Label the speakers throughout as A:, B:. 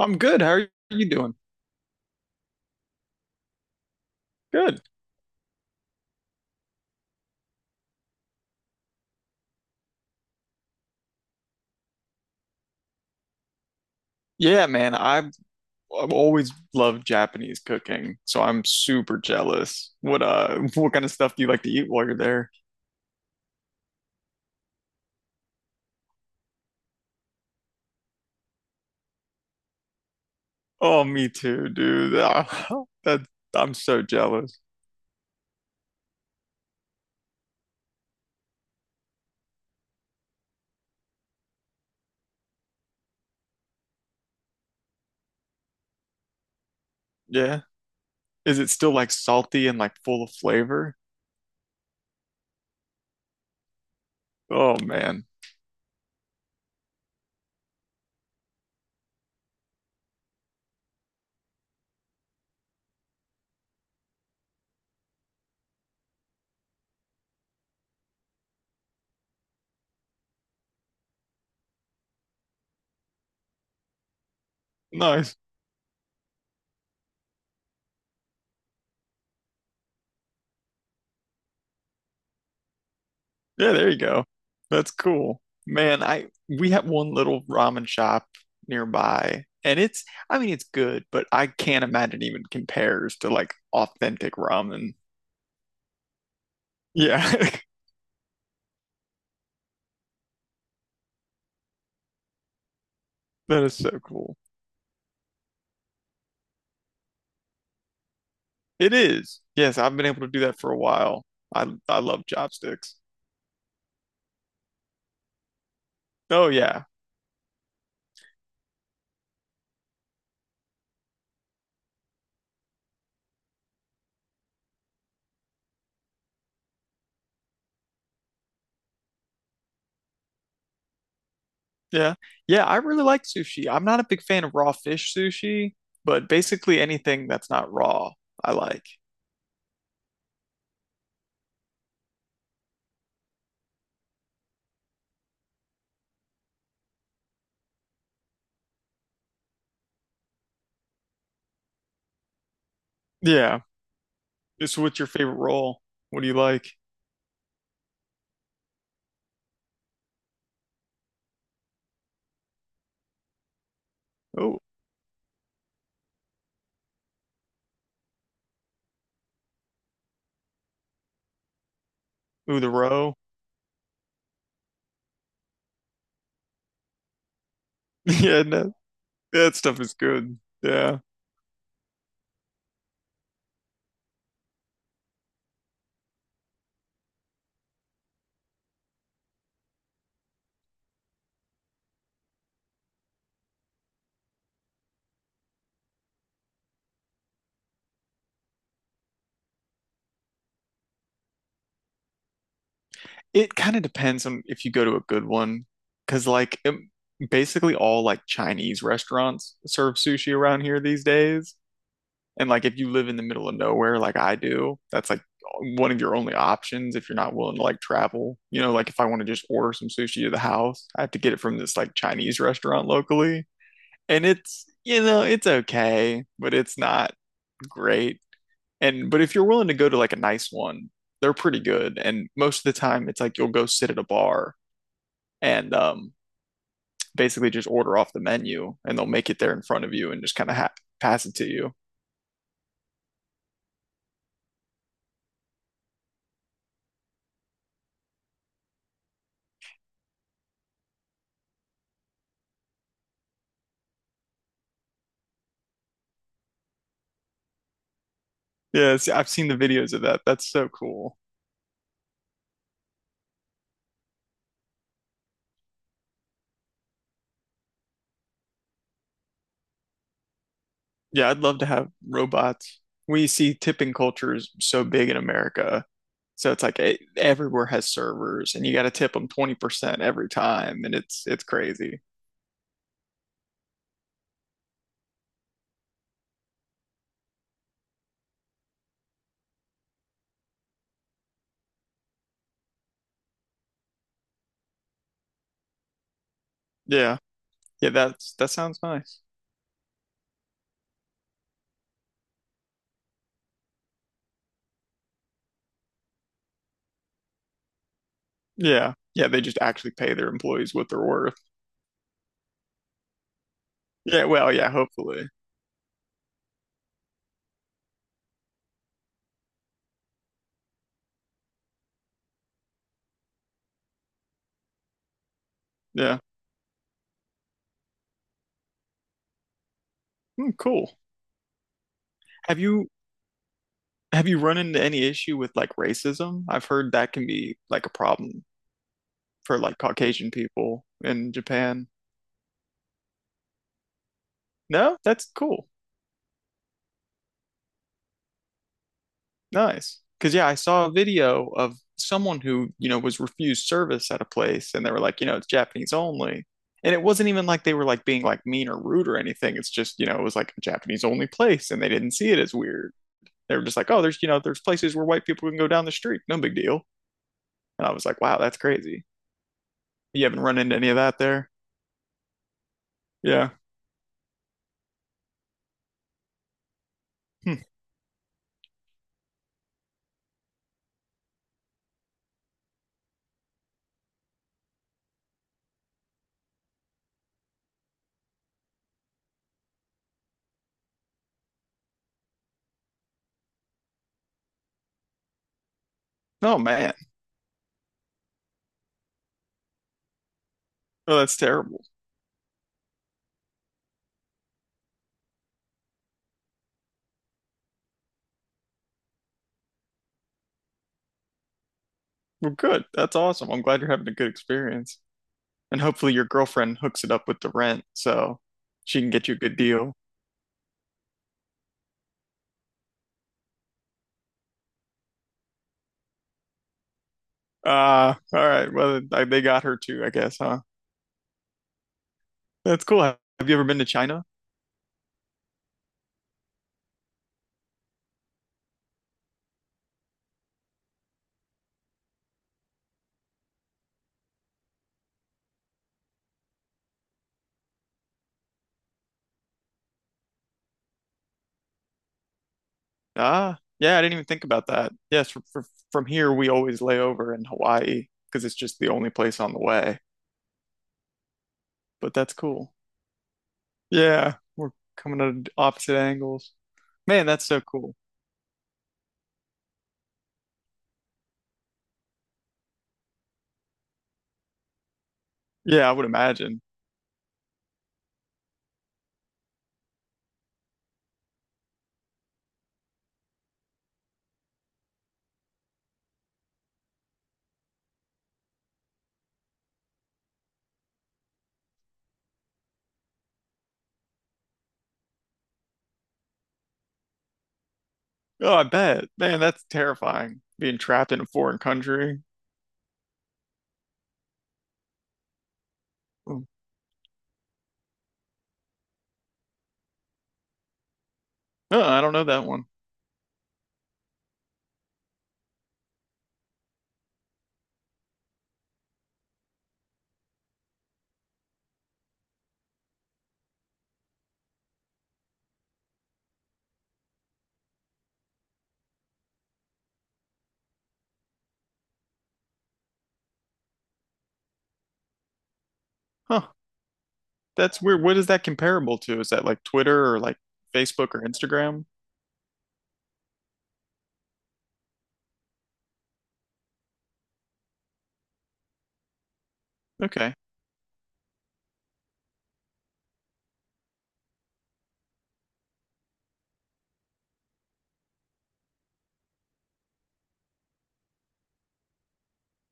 A: I'm good. How are you doing? Good. Yeah, man. I've always loved Japanese cooking, so I'm super jealous. What what kind of stuff do you like to eat while you're there? Oh, me too, dude. Ah, that I'm so jealous. Yeah. Is it still like salty and like full of flavor? Oh man. Nice. Yeah, there you go. That's cool. Man, I we have one little ramen shop nearby and it's, I mean, it's good, but I can't imagine even compares to like authentic ramen. Yeah. That is so cool. It is. Yes, I've been able to do that for a while. I love chopsticks. Oh yeah. Yeah. Yeah, I really like sushi. I'm not a big fan of raw fish sushi, but basically anything that's not raw, I like. Yeah. So what's your favorite roll? What do you like? Ooh, the row. Yeah, no, that stuff is good. Yeah. It kind of depends on if you go to a good one, because basically all like Chinese restaurants serve sushi around here these days. And like if you live in the middle of nowhere like I do, that's like one of your only options if you're not willing to like travel. You know, like if I want to just order some sushi to the house, I have to get it from this like Chinese restaurant locally. And it's, you know, it's okay, but it's not great. And but if you're willing to go to like a nice one, they're pretty good. And most of the time, it's like you'll go sit at a bar and basically just order off the menu, and they'll make it there in front of you and just kind of ha pass it to you. I've seen the videos of that. That's so cool. Yeah, I'd love to have robots. We see tipping culture is so big in America. So it's like everywhere has servers and you got to tip them 20% every time and it's crazy. Yeah. Yeah, that's that sounds nice. Yeah. Yeah, they just actually pay their employees what they're worth. Yeah, well, yeah, hopefully. Yeah. Hmm, cool. Have you have you run into any issue with like racism? I've heard that can be like a problem for like Caucasian people in Japan. No, that's cool. Nice. Cause yeah, I saw a video of someone who, you know, was refused service at a place and they were like, you know, it's Japanese only. And it wasn't even like they were like being like mean or rude or anything. It's just, you know, it was like a Japanese only place and they didn't see it as weird. They were just like, oh, there's, you know, there's places where white people can go down the street. No big deal. And I was like, wow, that's crazy. You haven't run into any of that there? Yeah. Hmm. Oh, man. Oh, that's terrible. Well, good. That's awesome. I'm glad you're having a good experience. And hopefully your girlfriend hooks it up with the rent so she can get you a good deal. All right. Well, I, they got her too, I guess, huh? That's cool. Have you ever been to China? Ah, yeah, I didn't even think about that. Yes, from here we always lay over in Hawaii because it's just the only place on the way. But that's cool. Yeah, we're coming at opposite angles. Man, that's so cool. Yeah, I would imagine. Oh, I bet. Man, that's terrifying. Being trapped in a foreign country. Oh, I don't know that one. Huh. That's weird. What is that comparable to? Is that like Twitter or like Facebook or Instagram? Okay.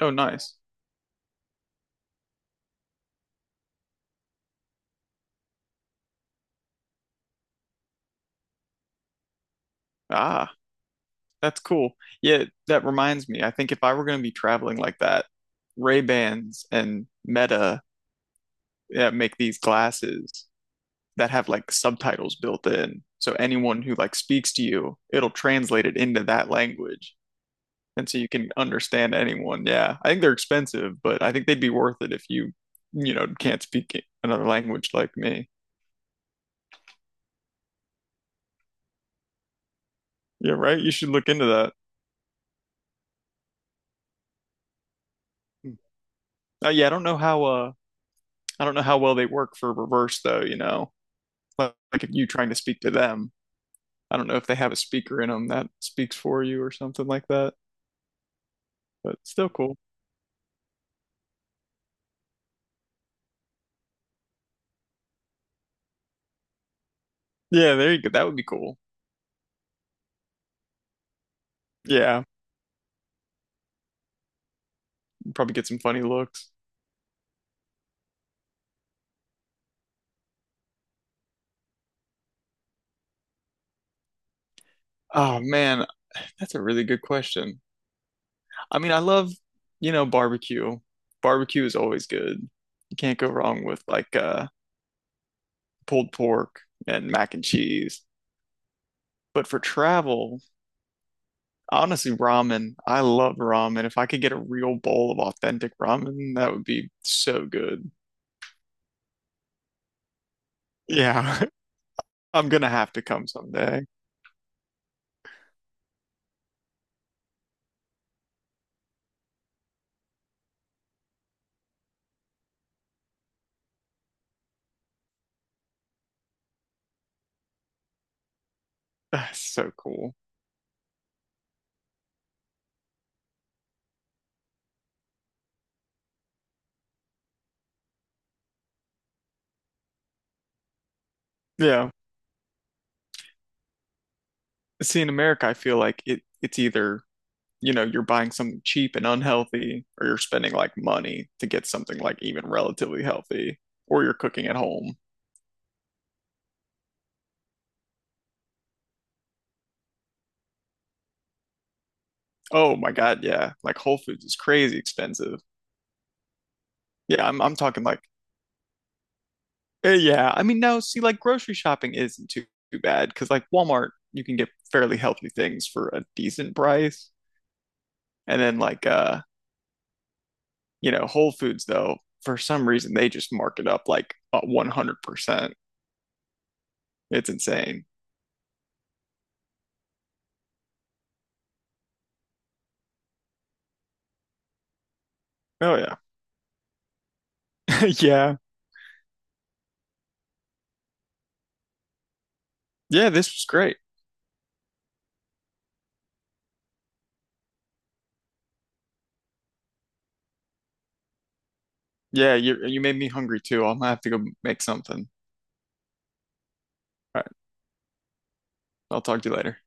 A: Oh, nice. Ah, that's cool. Yeah, that reminds me. I think if I were going to be traveling like that, Ray-Bans and Meta, yeah, make these glasses that have like subtitles built in. So anyone who like speaks to you, it'll translate it into that language. And so you can understand anyone. Yeah. I think they're expensive, but I think they'd be worth it if you, you know, can't speak another language like me. Yeah, right. You should look into that. Uh, yeah, I don't know how uh I don't know how well they work for reverse though, you know. Like if you trying to speak to them, I don't know if they have a speaker in them that speaks for you or something like that, but still cool. Yeah, there you go. That would be cool. Yeah, probably get some funny looks. Oh man, that's a really good question. I mean, I love, you know, barbecue. Barbecue is always good. You can't go wrong with like pulled pork and mac and cheese. But for travel, honestly, ramen. I love ramen. If I could get a real bowl of authentic ramen, that would be so good. Yeah, I'm gonna have to come someday. That's so cool. Yeah. See, in America, I feel like it's either, you know, you're buying something cheap and unhealthy, or you're spending like money to get something like even relatively healthy, or you're cooking at home. Oh my God, yeah. Like Whole Foods is crazy expensive. Yeah, I'm talking like yeah. I mean, no, see, like grocery shopping isn't too bad because like Walmart, you can get fairly healthy things for a decent price. And then like you know, Whole Foods though, for some reason they just mark it up like 100%. It's insane. Oh yeah. Yeah. Yeah, this was great. Yeah, you made me hungry too. I'm gonna have to go make something. All right, I'll talk to you later.